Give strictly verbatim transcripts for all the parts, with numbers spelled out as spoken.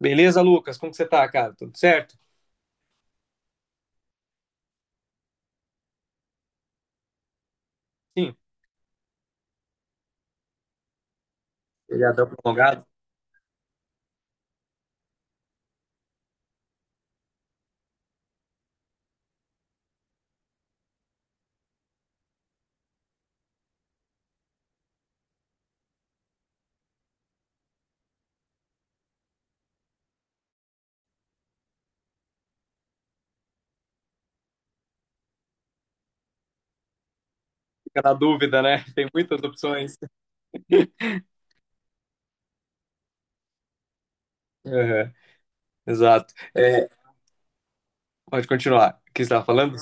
Beleza, Lucas? Como que você tá, cara? Tudo certo? Sim. Feriadão prolongado. Fica na dúvida, né? Tem muitas opções. Aham. Exato. É, pode continuar. O que você estava falando?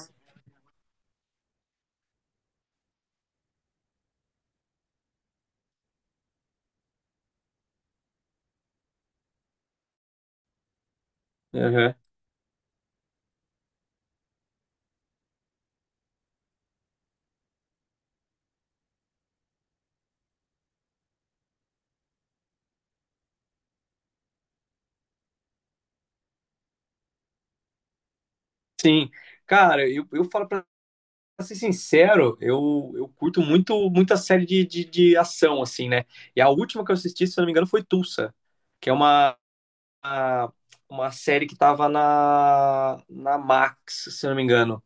Aham. Sim. Cara, eu, eu falo pra ser sincero, eu, eu curto muito muita série de, de, de ação, assim, né? E a última que eu assisti, se eu não me engano, foi Tulsa, que é uma, uma uma série que tava na, na Max, se eu não me engano.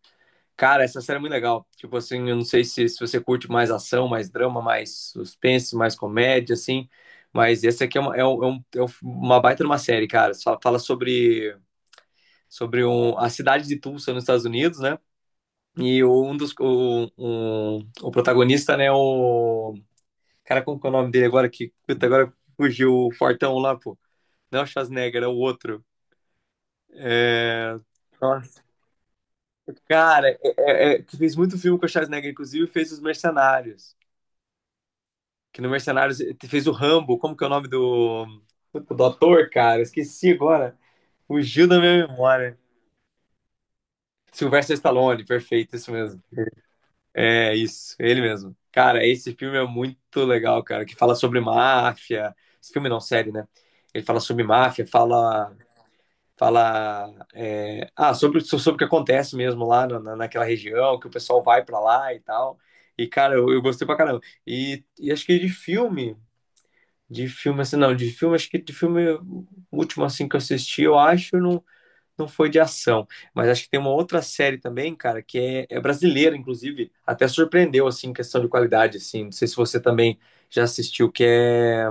Cara, essa série é muito legal. Tipo assim, eu não sei se, se você curte mais ação, mais drama, mais suspense, mais comédia, assim. Mas essa aqui é uma, é um- é um- é um- uma baita de uma série, cara. Só fala sobre, sobre um, a cidade de Tulsa, nos Estados Unidos, né? E o- um dos. O, um- o protagonista, né? O. Cara, como que é o nome dele agora? Que puta, agora fugiu o Fortão lá, pô. Não é o Schwarzenegger, é o outro. É. Nossa. Cara, é- é- é- que fez muito filme com o Schwarzenegger, inclusive fez Os Mercenários. Que no Mercenários fez o Rambo. Como que é o nome do. Do ator, cara? Esqueci agora. Fugiu da minha memória. Sylvester Stallone, perfeito, isso mesmo. É isso, ele mesmo. Cara, esse filme é muito legal, cara, que fala sobre máfia. Esse filme não, série, né? Ele fala sobre máfia, fala. Fala. é, Ah, sobre, so-, sobre o que acontece mesmo lá na, naquela região, que o pessoal vai pra lá e tal. E, cara, eu, eu gostei pra caramba. E, e acho que de filme, de filme, assim, não, de filme, acho que de filme, o último, assim, que eu assisti, eu acho, não, não foi de ação. Mas acho que tem uma outra série também, cara, que é, é brasileira, inclusive, até surpreendeu, assim, em questão de qualidade, assim. Não sei se você também já assistiu, que é,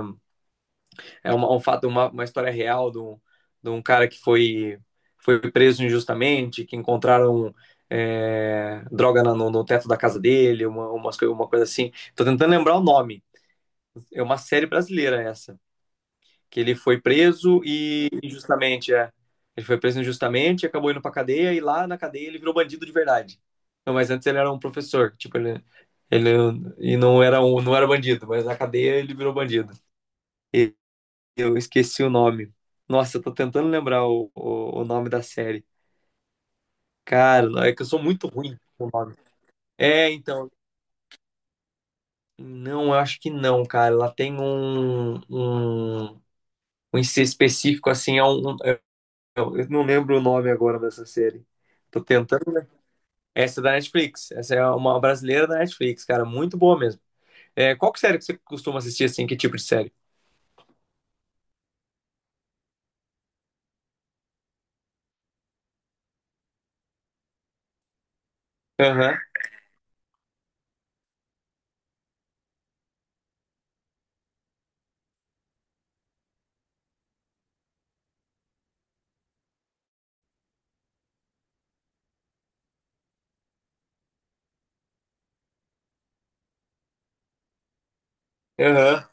é uma, um fato, uma, uma história real de um, de um cara que foi, foi preso injustamente, que encontraram é, droga na- no, no teto da casa dele, uma, umas, coi- uma coisa assim. Tô tentando lembrar o nome. É uma série brasileira essa que ele foi preso e injustamente. É. Ele foi preso injustamente, acabou indo pra cadeia e lá na cadeia ele virou bandido de verdade. Não, mas antes ele era um professor, tipo, ele, ele e não era um, não era bandido, mas na cadeia ele virou bandido. E eu esqueci o nome. Nossa, eu tô tentando lembrar o, o, o nome da série. Cara, é que eu sou muito ruim com o nome. É, então, não, eu acho que não, cara. Ela tem um, um, um I C específico, assim, é um. Eu eu não lembro o nome agora dessa série. Tô tentando, né? Essa é da Netflix. Essa é uma brasileira da Netflix, cara. Muito boa mesmo. É, qual que série que você costuma assistir, assim? Que tipo de série? Aham, aham.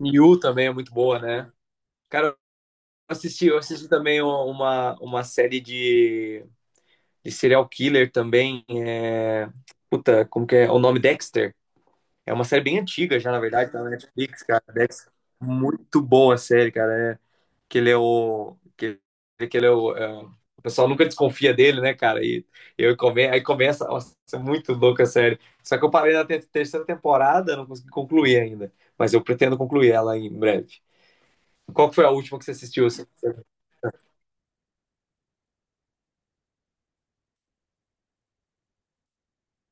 You também é muito boa, né? Cara, eu assisti, eu assisti também uma, uma série de, de serial killer também. É... Puta, como que é o nome? Dexter. É uma série bem antiga já, na verdade, tá na Netflix, cara. Dexter. Muito boa a série, cara. É, que ele é o. Que, que ele é o. É, o pessoal nunca desconfia dele, né, cara? E eu come, aí começa. Nossa, isso é muito louco, é sério. Só que eu parei na te- terceira temporada, não consegui concluir ainda. Mas eu pretendo concluir ela em breve. Qual que foi a última que você assistiu, assim?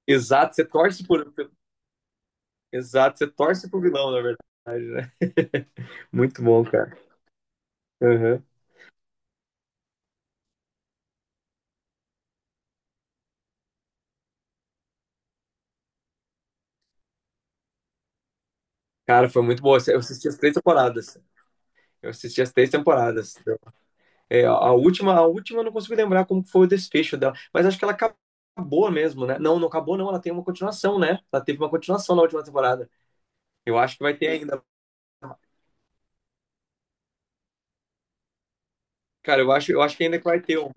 Exato, você torce por. Exato, você torce pro vilão, na verdade, né? Muito bom, cara. Uhum. Cara, foi muito bom. Eu assisti as três temporadas. Eu assisti as três temporadas. É, a última, a última eu não consigo lembrar como foi o desfecho dela, mas acho que ela acabou mesmo, né? Não, não acabou não, ela tem uma continuação, né? Ela teve uma continuação na última temporada. Eu acho que vai ter ainda. Cara, eu acho, eu acho que ainda vai ter um.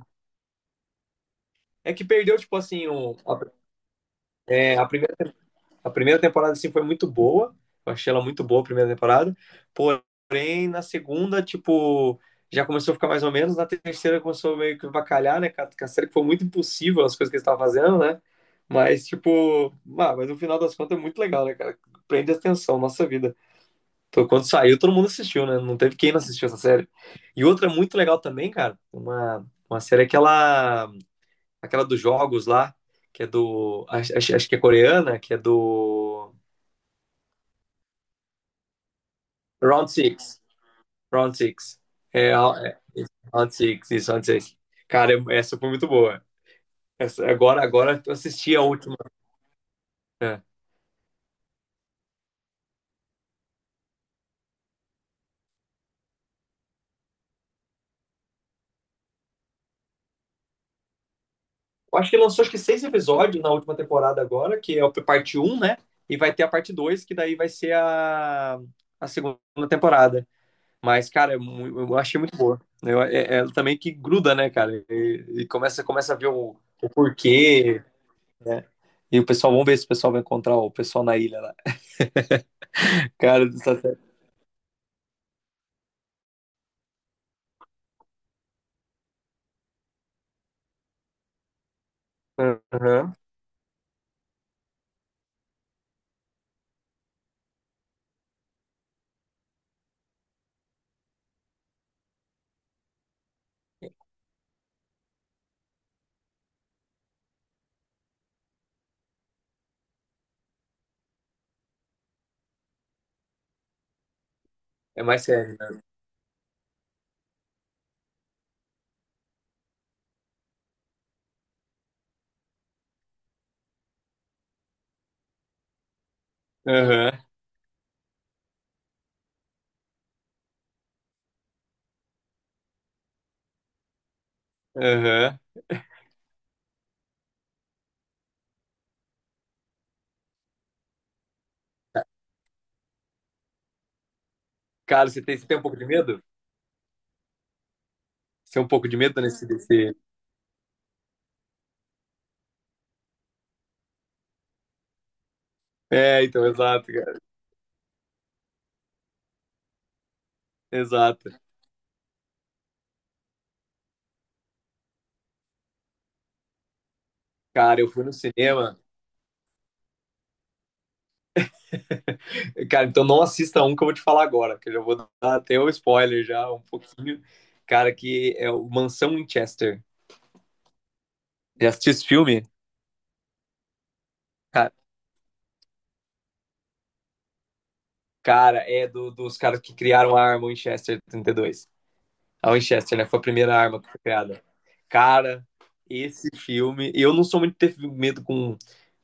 É que perdeu, tipo assim, um, a, é, a primeira a primeira temporada, assim, foi muito boa. Eu achei ela muito boa a primeira temporada. Porém, na segunda, tipo, já começou a ficar mais ou menos. Na terceira começou meio que bacalhar, né? Com a série que foi muito impossível as coisas que eles estavam fazendo, né? Mas, tipo, ah, mas no final das contas é muito legal, né, cara? Prende atenção, nossa vida. Então, quando saiu, todo mundo assistiu, né? Não teve quem não assistiu essa série. E outra muito legal também, cara, uma, uma série é aquela, aquela dos jogos lá, que é do. Acho, acho que é coreana, que é do. Round Six. Round Six. É, é, Round Six, isso, Round Six. Cara, eu- essa foi muito boa. Essa- agora, agora eu assisti a última. É. Eu acho que lançou acho que seis episódios na última temporada agora, que é a parte um, né? E vai ter a parte dois, que daí vai ser a, a segunda temporada. Mas, cara, é mu- eu achei muito boa. Eu, é, é também que gruda, né, cara? E, e começa, começa a ver o, o porquê, né? E o pessoal, vamos ver se o pessoal vai encontrar o pessoal na ilha lá. Cara, isso tá certo. É mais sério, né? Aham, aham. Cara, você tem, você tem um pouco de medo? Você tem um pouco de medo nesse, desse... É, então, exato, cara. Exato. Cara, eu fui no cinema. Cara, então não assista um que eu vou te falar agora, que eu já vou dar até o spoiler já, um pouquinho. Cara, que é o Mansão Winchester. Já assistiu esse filme? Ca- Cara, é do- dos caras que criaram a arma Winchester trinta e dois. A Winchester, né? Foi a primeira arma que foi criada. Cara, esse filme. Eu não sou muito ter medo com,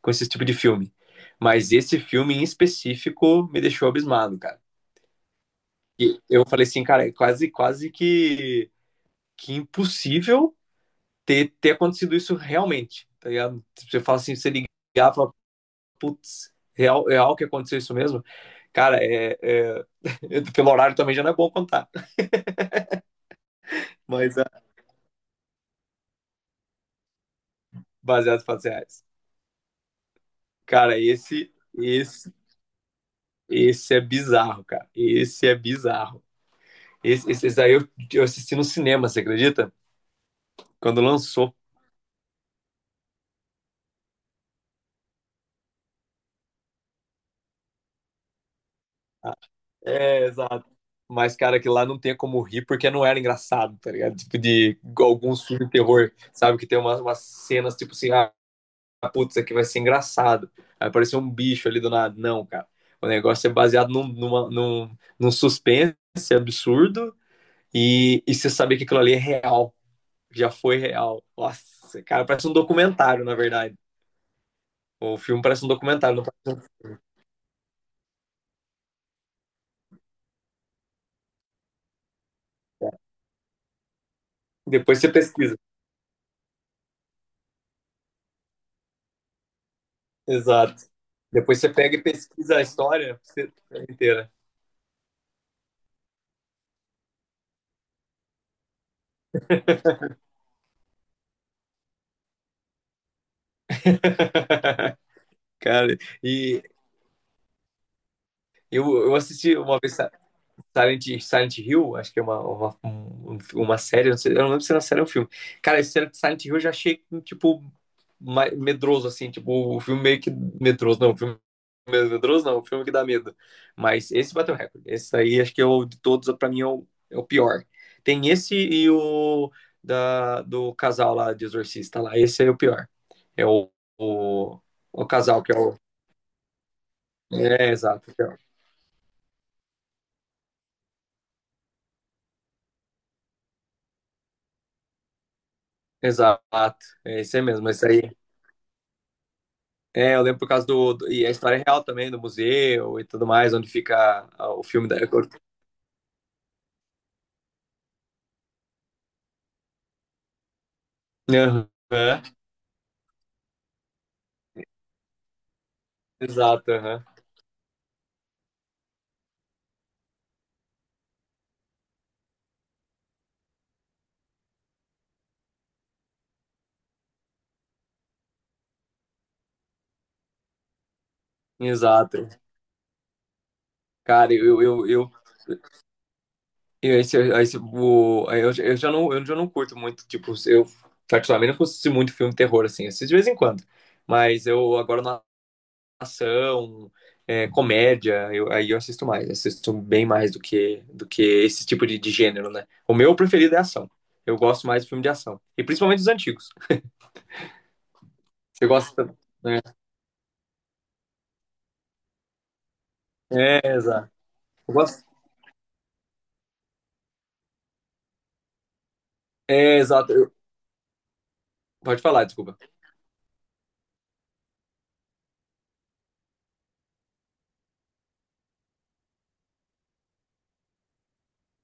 com esse tipo de filme. Mas esse filme em específico me deixou abismado, cara. E eu falei assim, cara, é quase, quase que, que impossível ter, ter acontecido isso realmente. Tá ligado? Você fala assim, você ligar e fala, putz, real, real que aconteceu isso mesmo? Cara, é, é... pelo horário também já não é bom contar, mas é baseado em fatos reais. Cara, esse, esse esse é bizarro, cara. Esse é bizarro. Esse, esse, esse daí eu, eu assisti no cinema, você acredita? Quando lançou. Ah, é, exato. Mas, cara, que lá não tem como rir porque não era engraçado, tá ligado? Tipo, de igual alguns filmes de terror, sabe? Que tem umas, umas cenas, tipo assim, ah, putz, isso aqui vai ser engraçado. Aí apareceu um bicho ali do nada. Não, cara. O negócio é baseado num, numa, num, num suspense absurdo e, e você saber que aquilo ali é real. Já foi real. Nossa, cara, parece um documentário, na verdade. O filme parece um documentário. Não parece- Depois você pesquisa. Exato. Depois você pega e pesquisa a história você- inteira. Cara, e eu, eu assisti uma vez, Silent, Silent Hill, acho que é uma, uma, um- uma série, não sei, eu não lembro se era série ou um filme. Cara, esse Silent Hill eu já achei, tipo, ma- medroso, assim, tipo, o filme meio que medroso, não, o filme medroso não, o filme que dá medo. Mas esse bateu recorde, esse aí acho que é o de todos, pra mim, é o, é o pior. Tem esse e o da, do casal lá, de Exorcista lá, esse é o pior. É o, o, o casal que é o... É, exato, que é o- exato, é esse aí mesmo, esse aí. É, eu lembro por causa do, do- e a história é real também, do museu e tudo mais, onde fica ah, o filme da. Aham. Exato, aham. Exato. Cara, eu. Eu, eu, eu, esse, esse, o, eu, eu já não, eu já não curto muito, tipo, eu particularmente não assisto muito filme terror, assim, assisto de vez em quando. Mas eu agora na ação, é, comédia, eu, aí eu assisto mais, assisto bem mais do que, do que esse tipo de, de gênero, né? O meu preferido é ação. Eu gosto mais de filme de ação. E principalmente os antigos. Você gosta, né? É, exato. Eu gosto. É, exato. Eu- Pode falar, desculpa.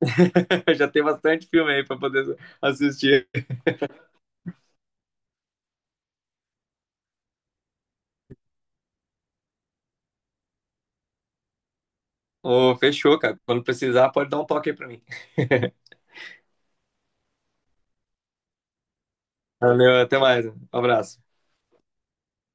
Já tem bastante filme aí pra poder assistir. Ô, fechou, cara. Quando precisar, pode dar um toque aí pra mim. Valeu, até mais. Um abraço.